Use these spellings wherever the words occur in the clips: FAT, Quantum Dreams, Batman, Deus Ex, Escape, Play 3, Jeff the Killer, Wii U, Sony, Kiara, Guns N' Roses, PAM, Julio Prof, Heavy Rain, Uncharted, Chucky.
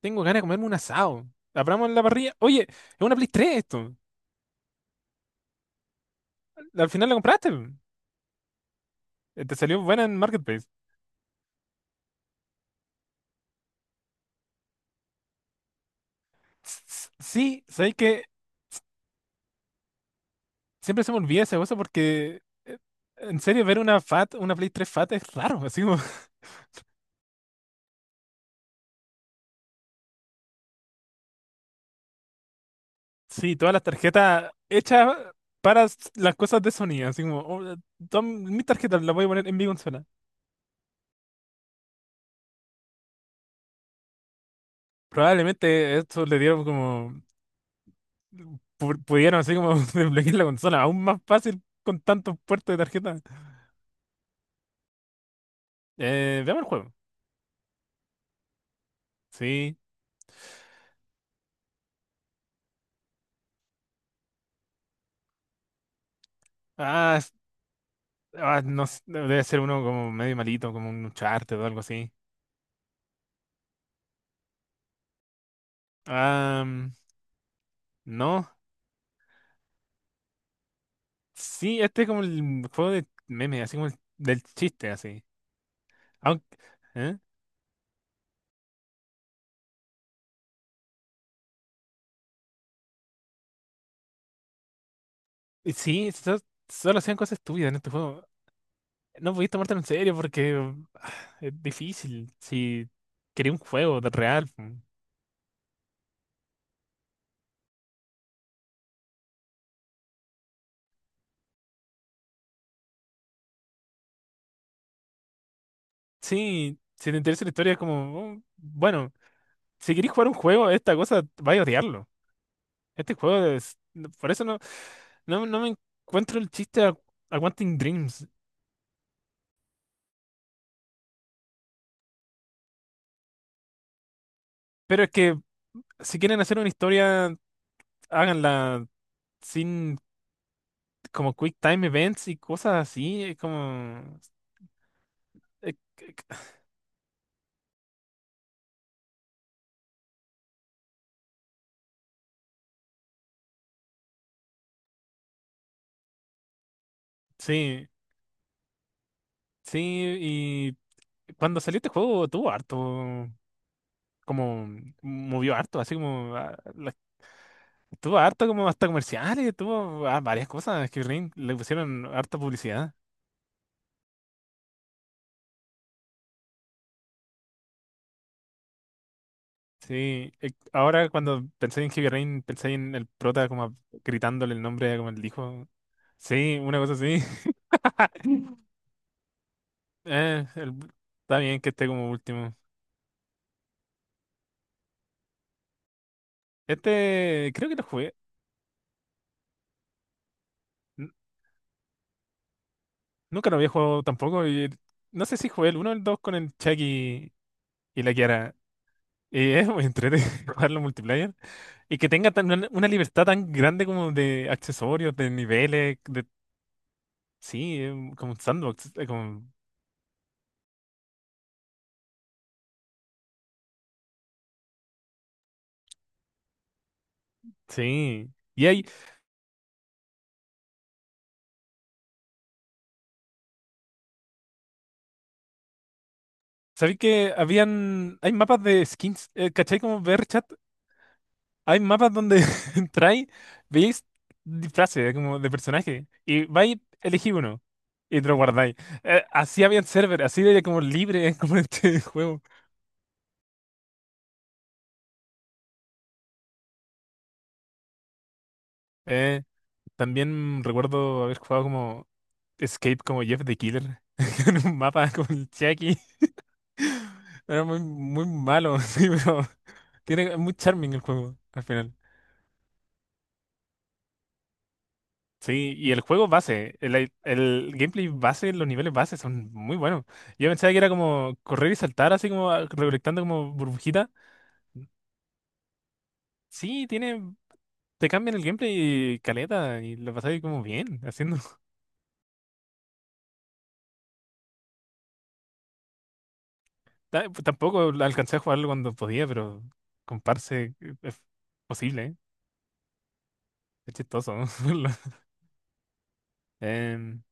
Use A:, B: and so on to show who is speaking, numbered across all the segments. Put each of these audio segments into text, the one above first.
A: Tengo ganas de comerme un asado. Abramos la parrilla. Oye, es una Play 3 esto. Al final la compraste. Te salió buena en Marketplace. Sí, sabes que siempre se me olvida esa cosa porque en serio ver una FAT, una Play 3 FAT es raro. Así como, sí, todas las tarjetas hechas para las cosas de Sony. Así como, oh, todas mis tarjetas las voy a poner en mi consola. Probablemente esto le dieron como, pudieron así como desbloquear la consola aún más fácil con tantos puertos de tarjeta. Veamos el juego. Sí. Ah, no, debe ser uno como medio malito, como un Uncharted o algo así. Ah, no. Sí, este es como el juego de meme, así como del chiste, así. Aunque, ¿eh? Y sí, solo hacían cosas estúpidas en este juego. No podías tomártelo en serio porque ah, es difícil. Si quería un juego de real. Mm. Sí, si te interesa la historia, es como, oh, bueno, si querés jugar un juego, esta cosa, vaya a odiarlo. Este juego es... Por eso no, no me encuentro el chiste a Quantum Dreams. Pero es que si quieren hacer una historia, háganla sin como quick time events y cosas así. Es como... eh, c- c- Sí, sí. Y cuando salió este juego tuvo harto... Como movió harto, así como tuvo harto como hasta comerciales, tuvo varias cosas que Ring le pusieron harta publicidad. Sí, ahora cuando pensé en Heavy Rain, pensé en el prota como gritándole el nombre como el hijo. Sí, una cosa así. Eh, el- Está bien que esté como último. Este, creo que lo jugué. N- Nunca lo había jugado tampoco. No sé si jugué el uno o el 2 con el Chucky y la Kiara. Y es muy entretenido jugarlo multiplayer. Y que tenga una libertad tan grande como de accesorios, de niveles, de... Sí, es como un sandbox. Es como... Sí. Y hay ¿Sabéis que habían? Hay mapas de skins, ¿cachai? Como ver chat. Hay mapas donde entráis, veis disfraces, como de personaje. Y vais, elegís uno. Y te lo guardáis. Así había en server, así de como libre, como en este juego. Eh, También recuerdo haber jugado como Escape como Jeff the Killer. En un mapa con el Chucky. Era muy, muy malo, sí, pero tiene muy charming el juego al final. Sí, y el juego base, el gameplay base, los niveles base son muy buenos. Yo pensaba que era como correr y saltar, así como recolectando como burbujita. Sí, tiene, te cambian el gameplay caleta y lo pasáis como bien, haciendo. Tampoco lo alcancé a jugarlo cuando podía, pero comparse es posible, ¿eh? Es chistoso. Lo- Em,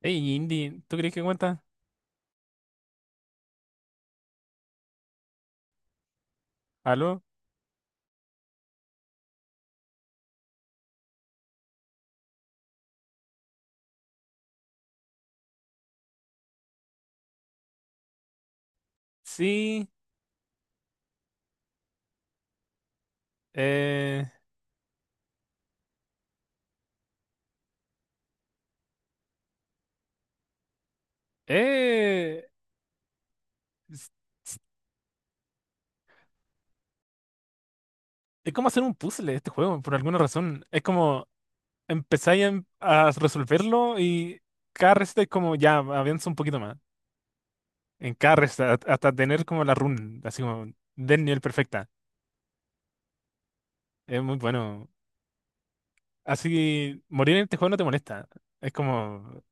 A: hey, Indy, ¿tú crees que cuenta? ¿Aló? Sí. eh, eh. Es como hacer un puzzle este juego, por alguna razón. Es como empezáis a resolverlo y cada receta es como ya avanza un poquito más. En cada receta, hasta tener como la run, así como del nivel perfecta. Es muy bueno. Así, morir en este juego no te molesta. Es como,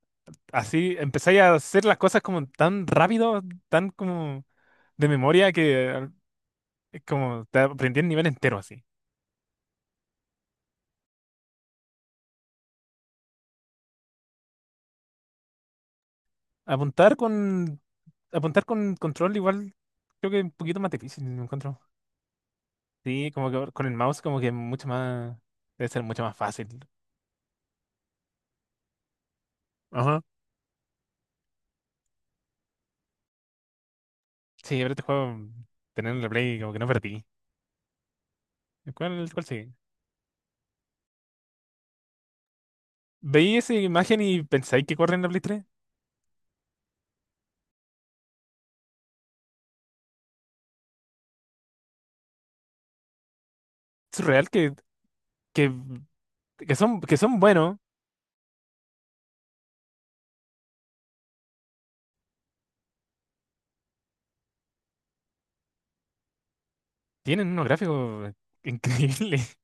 A: así empezáis a hacer las cosas como tan rápido, tan como de memoria que es como te aprendí el nivel entero así. Apuntar con, apuntar con control igual creo que es un poquito más difícil, lo encuentro. Sí, como que con el mouse como que es mucho más, debe ser mucho más fácil. Ajá. Sí, pero este juego, tener en la Play como que no perdí. ¿Cuál sigue? ¿Veis esa imagen y pensáis que corren en la Play 3? Es real que, que, que son buenos, tienen unos gráficos increíbles.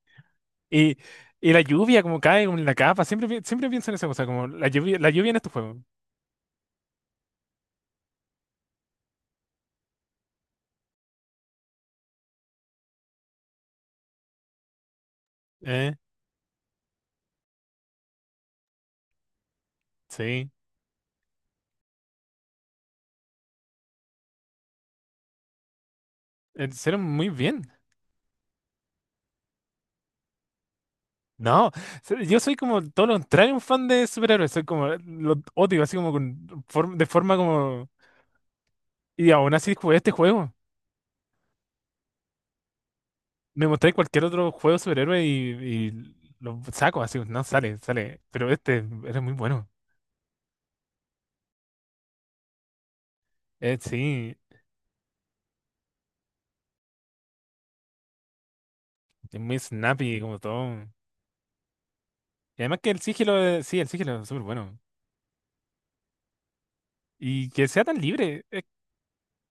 A: Y, y la lluvia como cae en la capa, siempre, siempre pienso en esa cosa, como la lluvia en estos juegos. Eh, sí, hicieron muy bien. No, yo soy como todo lo contrario, un fan de superhéroes, soy como, lo odio, así como con, de forma como, y aún así jugué este juego, me mostré cualquier otro juego de superhéroe y lo saco, así, no sale, sale, pero este era muy bueno. Sí, es muy snappy, como todo, y además que el sigilo, sí, el sigilo es súper bueno, y que sea tan libre, es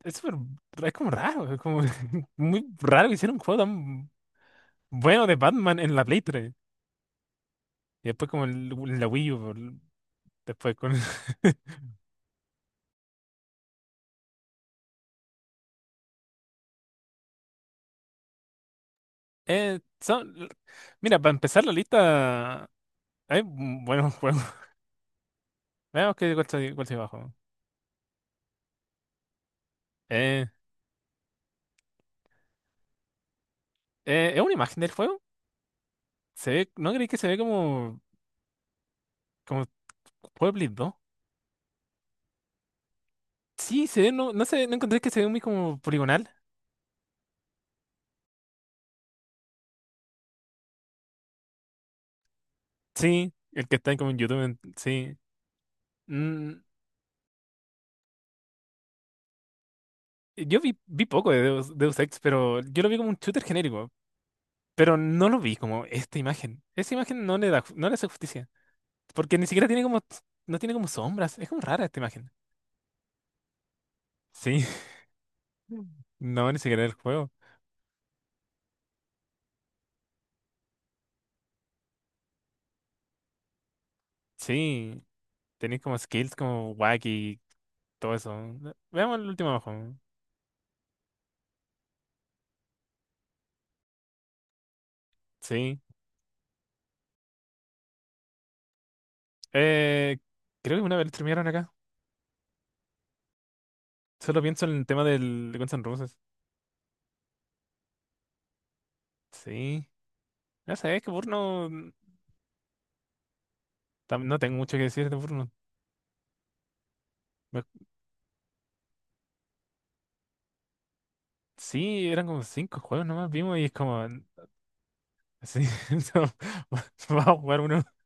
A: es súper, es como raro, es como muy raro que hiciera un juego tan bueno de Batman en la Play 3. Y después como la Wii U. Después con... Son... Mira, para empezar la lista, hay buenos juegos. Veamos qué cuál se bajó. Eh, ¿Es una imagen del juego? ¿Se ve...? ¿No creéis que se ve como juego de Play 2? Sí, se ve... No, no sé, ¿no encontré que se ve muy como poligonal? Sí, el que está en como en YouTube, sí. Mm, yo vi poco de Deus Ex, pero yo lo vi como un shooter genérico. Pero no lo vi como esta imagen. Esa imagen no le da, no le hace justicia. Porque ni siquiera tiene como... No tiene como sombras. Es como rara esta imagen. Sí, no, ni siquiera el juego. Sí, tenéis como skills como wacky y todo eso. Veamos el último ojo. Sí. Eh, Creo que una vez lo streamearon acá. Solo pienso en el tema del Guns N' Roses. Sí. No sé, es que Burno. No tengo mucho que decir de Burno. Me- Sí, eran como cinco juegos nomás vimos y es como. Sí, no, vamos a jugar uno.